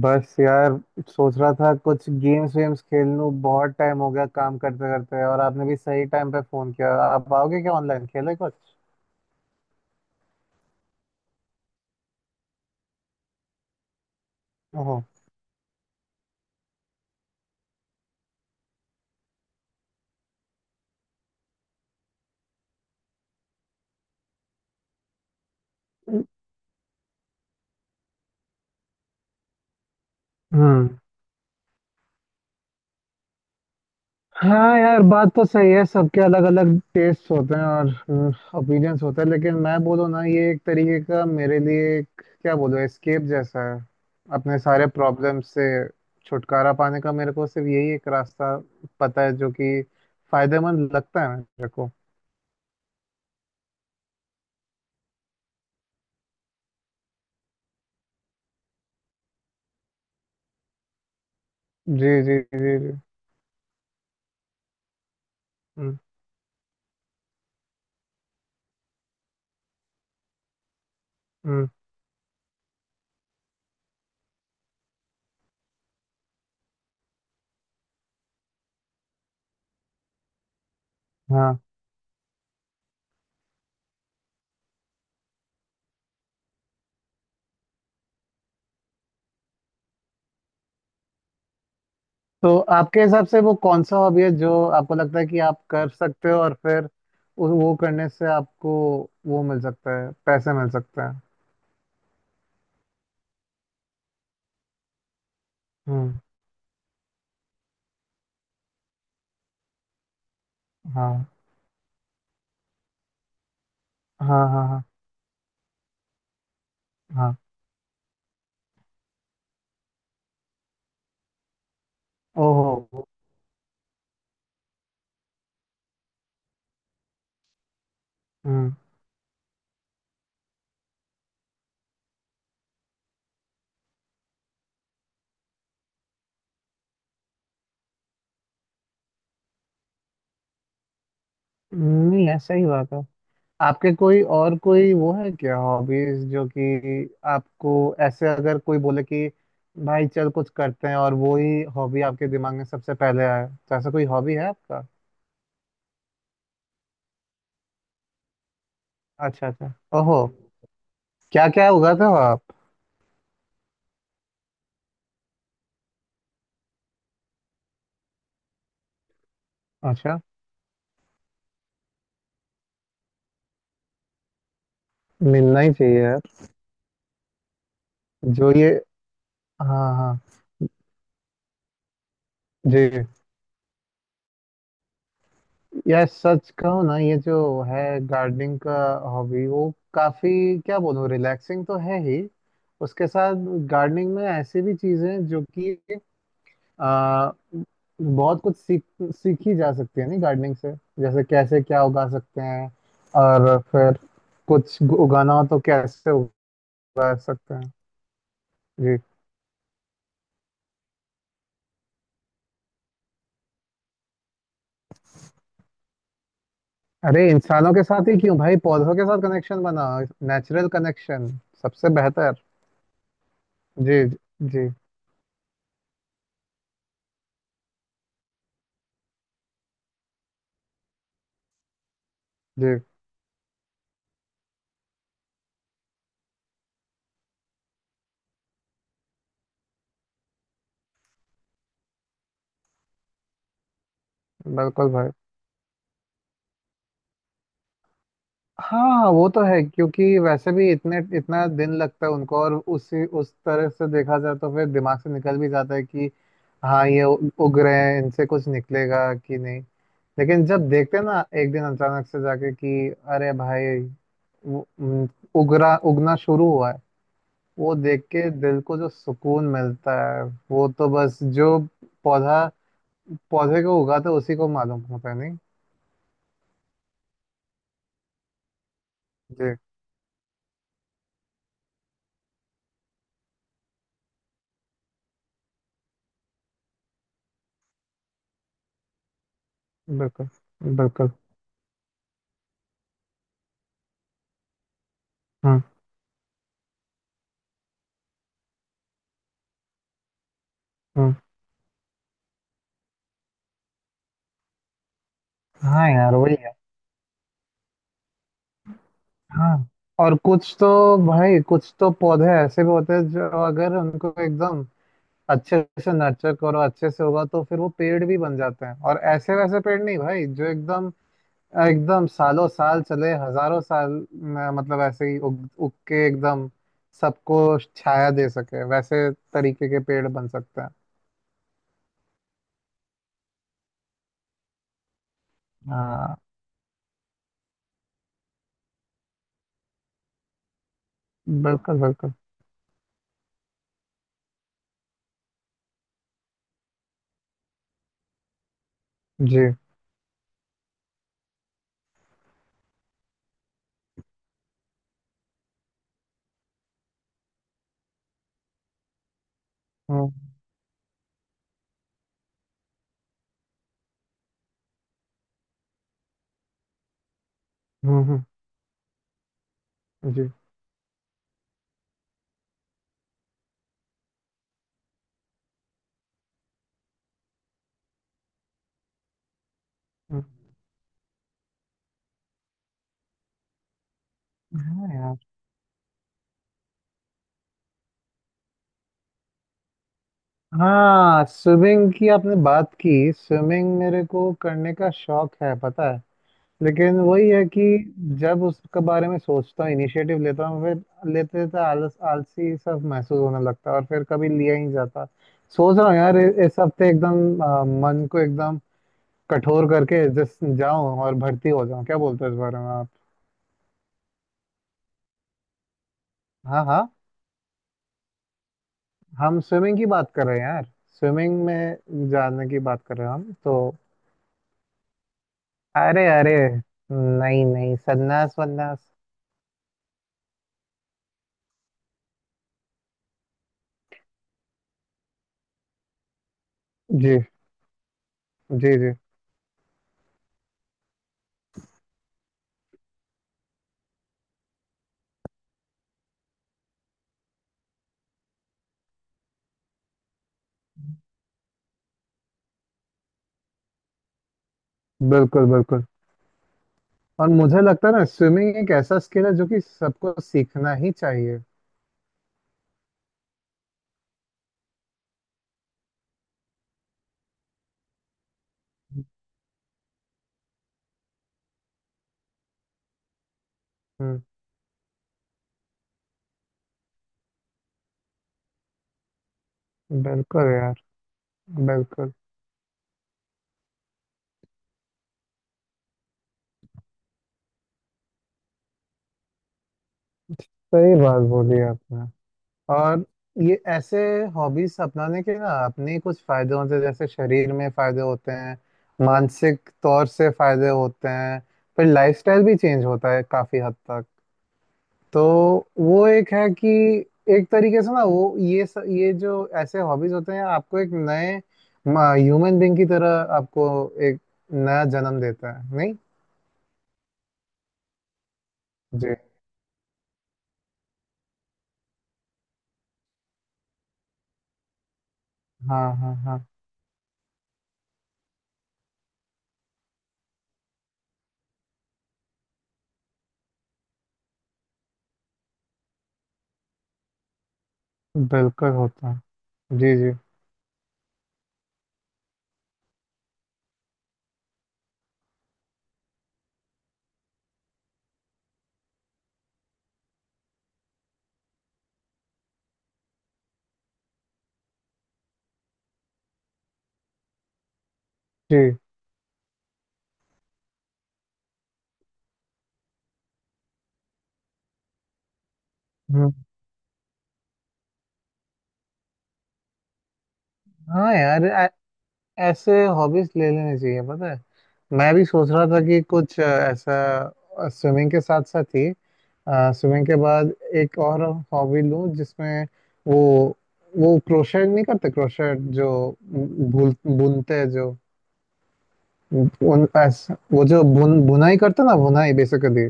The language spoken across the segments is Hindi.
बस यार, सोच रहा था कुछ गेम्स वेम्स खेल लूं, बहुत टाइम हो गया काम करते करते। और आपने भी सही टाइम पे फोन किया। आप आओगे क्या ऑनलाइन खेले कुछ? ओहो। हम्म। हाँ यार, बात तो सही है। सबके अलग अलग टेस्ट होते हैं और ओपिनियंस होते हैं, लेकिन मैं बोलूँ ना, ये एक तरीके का मेरे लिए एक, क्या बोलूँ, एस्केप जैसा है। अपने सारे प्रॉब्लम से छुटकारा पाने का मेरे को सिर्फ यही एक रास्ता पता है, जो कि फायदेमंद लगता है मेरे को। जी जी जी जी। हम्म। हम्म। हाँ। तो आपके हिसाब से वो कौन सा हॉबी है जो आपको लगता है कि आप कर सकते हो, और फिर वो करने से आपको वो मिल सकता है, पैसे मिल सकते हैं? हम्म। हाँ हाँ हाँ। हाँ हाँ। ओहो। हम्म। नहीं, है सही बात है। आपके कोई और कोई वो है क्या हॉबीज जो कि आपको, ऐसे अगर कोई बोले कि भाई चल कुछ करते हैं, और वो ही हॉबी आपके दिमाग में सबसे पहले आए, तो ऐसा कोई हॉबी है आपका? अच्छा अच्छा। ओहो। क्या क्या उगाते हो आप? अच्छा। मिलना ही चाहिए यार। जो ये। हाँ हाँ। जी। यार सच कहूँ ना, ये जो है गार्डनिंग का हॉबी वो काफी, क्या बोलूँ, रिलैक्सिंग तो है ही। उसके साथ गार्डनिंग में ऐसी भी चीजें हैं जो कि आ, बहुत कुछ सीखी जा सकती है नहीं, गार्डनिंग से। जैसे कैसे क्या उगा सकते हैं, और फिर कुछ उगाना हो तो कैसे उगा सकते हैं। अरे, इंसानों के साथ ही क्यों भाई? पौधों के साथ कनेक्शन बना। नेचुरल कनेक्शन सबसे बेहतर। जी जी जी। बिल्कुल भाई। हाँ, वो तो है, क्योंकि वैसे भी इतने इतना दिन लगता है उनको, और उसी उस तरह से देखा जाए तो फिर दिमाग से निकल भी जाता है कि हाँ, ये उग रहे हैं, इनसे कुछ निकलेगा कि नहीं। लेकिन जब देखते हैं ना एक दिन अचानक से जाके कि अरे भाई, वो- उम, उगरा उगना शुरू हुआ है, वो देख के दिल को जो सुकून मिलता है, वो तो बस जो पौधा पौधे को उगाता है उसी को मालूम होता है नहीं। जी। बिल्कुल बिल्कुल। हम्म हम्म। हाँ यार वही है। हाँ। और कुछ तो भाई, कुछ तो पौधे ऐसे भी होते हैं जो अगर उनको एकदम अच्छे से नर्चर करो, अच्छे से होगा तो फिर वो पेड़ भी बन जाते हैं। और ऐसे वैसे पेड़ नहीं भाई, जो एकदम एकदम सालों साल चले हजारों साल में, मतलब ऐसे ही उग उग के एकदम सबको छाया दे सके, वैसे तरीके के पेड़ बन सकते हैं। हाँ। बिल्कुल बिल्कुल। जी। हम्म हम्म जी। हम्म, हाँ यार। हाँ, स्विमिंग की आपने बात की। स्विमिंग मेरे को करने का शौक है, पता है। लेकिन वही है कि जब उसके बारे में सोचता हूँ, इनिशिएटिव लेता हूँ, फिर लेते लेते आलस आलसी सब महसूस होने लगता है और फिर कभी लिया ही नहीं जाता। सोच रहा हूँ यार, इस हफ्ते एकदम मन को एकदम कठोर करके जिस जाऊं और भर्ती हो जाऊं। क्या बोलते हो इस बारे में आप? हाँ हाँ। हम स्विमिंग की बात कर रहे हैं यार। स्विमिंग में जाने की बात कर रहे हैं हम तो। अरे अरे, नहीं नहीं, सन्नास वन्नास। जी जी जी। बिल्कुल बिल्कुल। और मुझे लगता है ना, स्विमिंग एक ऐसा स्किल है जो कि सबको सीखना ही चाहिए। हम्म। बिल्कुल यार। बिल्कुल। सही बात बोली आपने। और ये ऐसे हॉबीज अपनाने के ना, अपने ही कुछ फायदे होते हैं, जैसे शरीर में फायदे होते हैं, मानसिक तौर से फायदे होते हैं, फिर लाइफस्टाइल भी चेंज होता है काफी हद तक। तो वो एक है कि एक तरीके से ना, वो ये ये जो ऐसे हॉबीज होते हैं, आपको एक नए ह्यूमन बीइंग की तरह आपको एक नया जन्म देता है नहीं। जी। हाँ हाँ हाँ। बिल्कुल होता है। जी जी जी। हम्म, हाँ यार। ऐसे हॉबीज ले लेने चाहिए, पता है। मैं भी सोच रहा था कि कुछ ऐसा, स्विमिंग के साथ साथ ही, स्विमिंग के बाद एक और हॉबी लूं जिसमें वो वो क्रोशेट नहीं करते? क्रोशेट जो भूल बुनते हैं, जो उन ऐसा वो जो बुनाई करते हैं ना, बुनाई बेसिकली।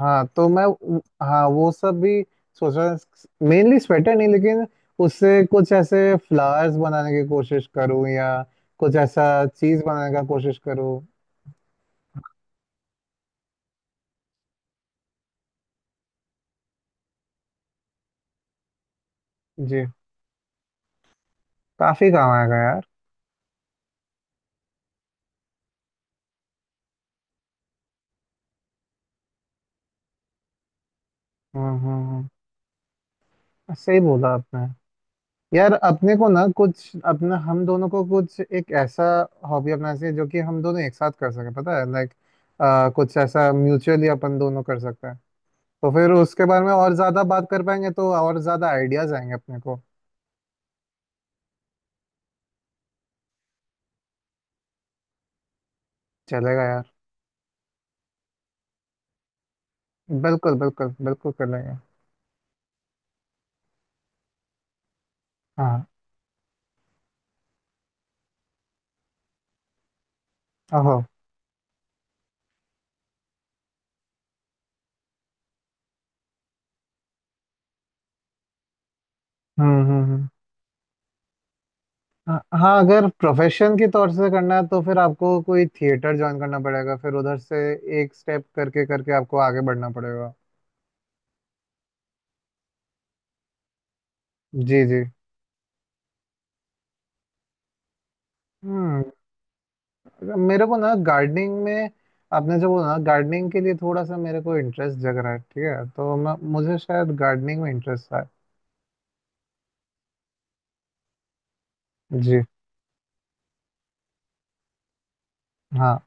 हाँ तो मैं हाँ वो सब भी सोच रहा हूँ, मेनली स्वेटर नहीं, लेकिन उससे कुछ ऐसे फ्लावर्स बनाने की कोशिश करूँ या कुछ ऐसा चीज बनाने का कोशिश करूँ। जी। काफी काम आएगा यार। हम्म हम्म हम्म। सही बोला आपने। यार अपने को ना, कुछ अपना हम दोनों को कुछ एक ऐसा हॉबी अपनाना चाहिए जो कि हम दोनों एक साथ कर सके, पता है, लाइक कुछ ऐसा म्यूचुअली अपन दोनों कर सकते हैं। तो फिर उसके बारे में और ज्यादा बात कर पाएंगे, तो और ज्यादा आइडियाज आएंगे अपने को। चलेगा यार। बिल्कुल बिल्कुल बिल्कुल कर लेंगे। हाँ। ओहो। हम्म हम्म हम्म। हाँ हाँ, अगर प्रोफेशन के तौर से करना है तो फिर आपको कोई थिएटर ज्वाइन करना पड़ेगा, फिर उधर से एक स्टेप करके करके आपको आगे बढ़ना पड़ेगा। जी जी। हम्म। मेरे को ना गार्डनिंग में, आपने जो बोला ना गार्डनिंग के लिए, थोड़ा सा मेरे को इंटरेस्ट जग रहा है, ठीक है? तो मैं मुझे शायद गार्डनिंग में इंटरेस्ट है। जी। हाँ।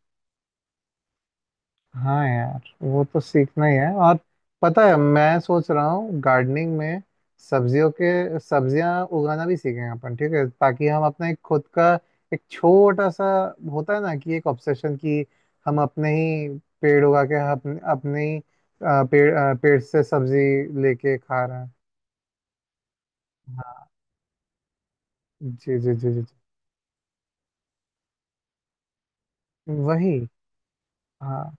हाँ यार, वो तो सीखना ही है। और पता है मैं सोच रहा हूँ गार्डनिंग में सब्जियों के सब्जियां उगाना भी सीखेंगे अपन, ठीक है, ताकि हम अपना एक खुद का एक छोटा सा, होता है ना कि एक ऑब्सेशन, कि हम अपने ही पेड़ उगा के अपने अपने ही पेड़ से सब्जी लेके खा रहे हैं। हाँ। जी जी जी जी। जी वही। हाँ।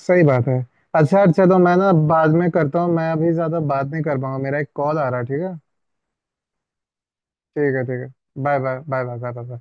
सही बात है। अच्छा अच्छा, तो मैं ना बाद में करता हूँ। मैं अभी ज़्यादा बात नहीं कर पाऊंगा, मेरा एक कॉल आ रहा है, ठीक है? ठीक है। ठीक है। Bye bye bye bye bye bye.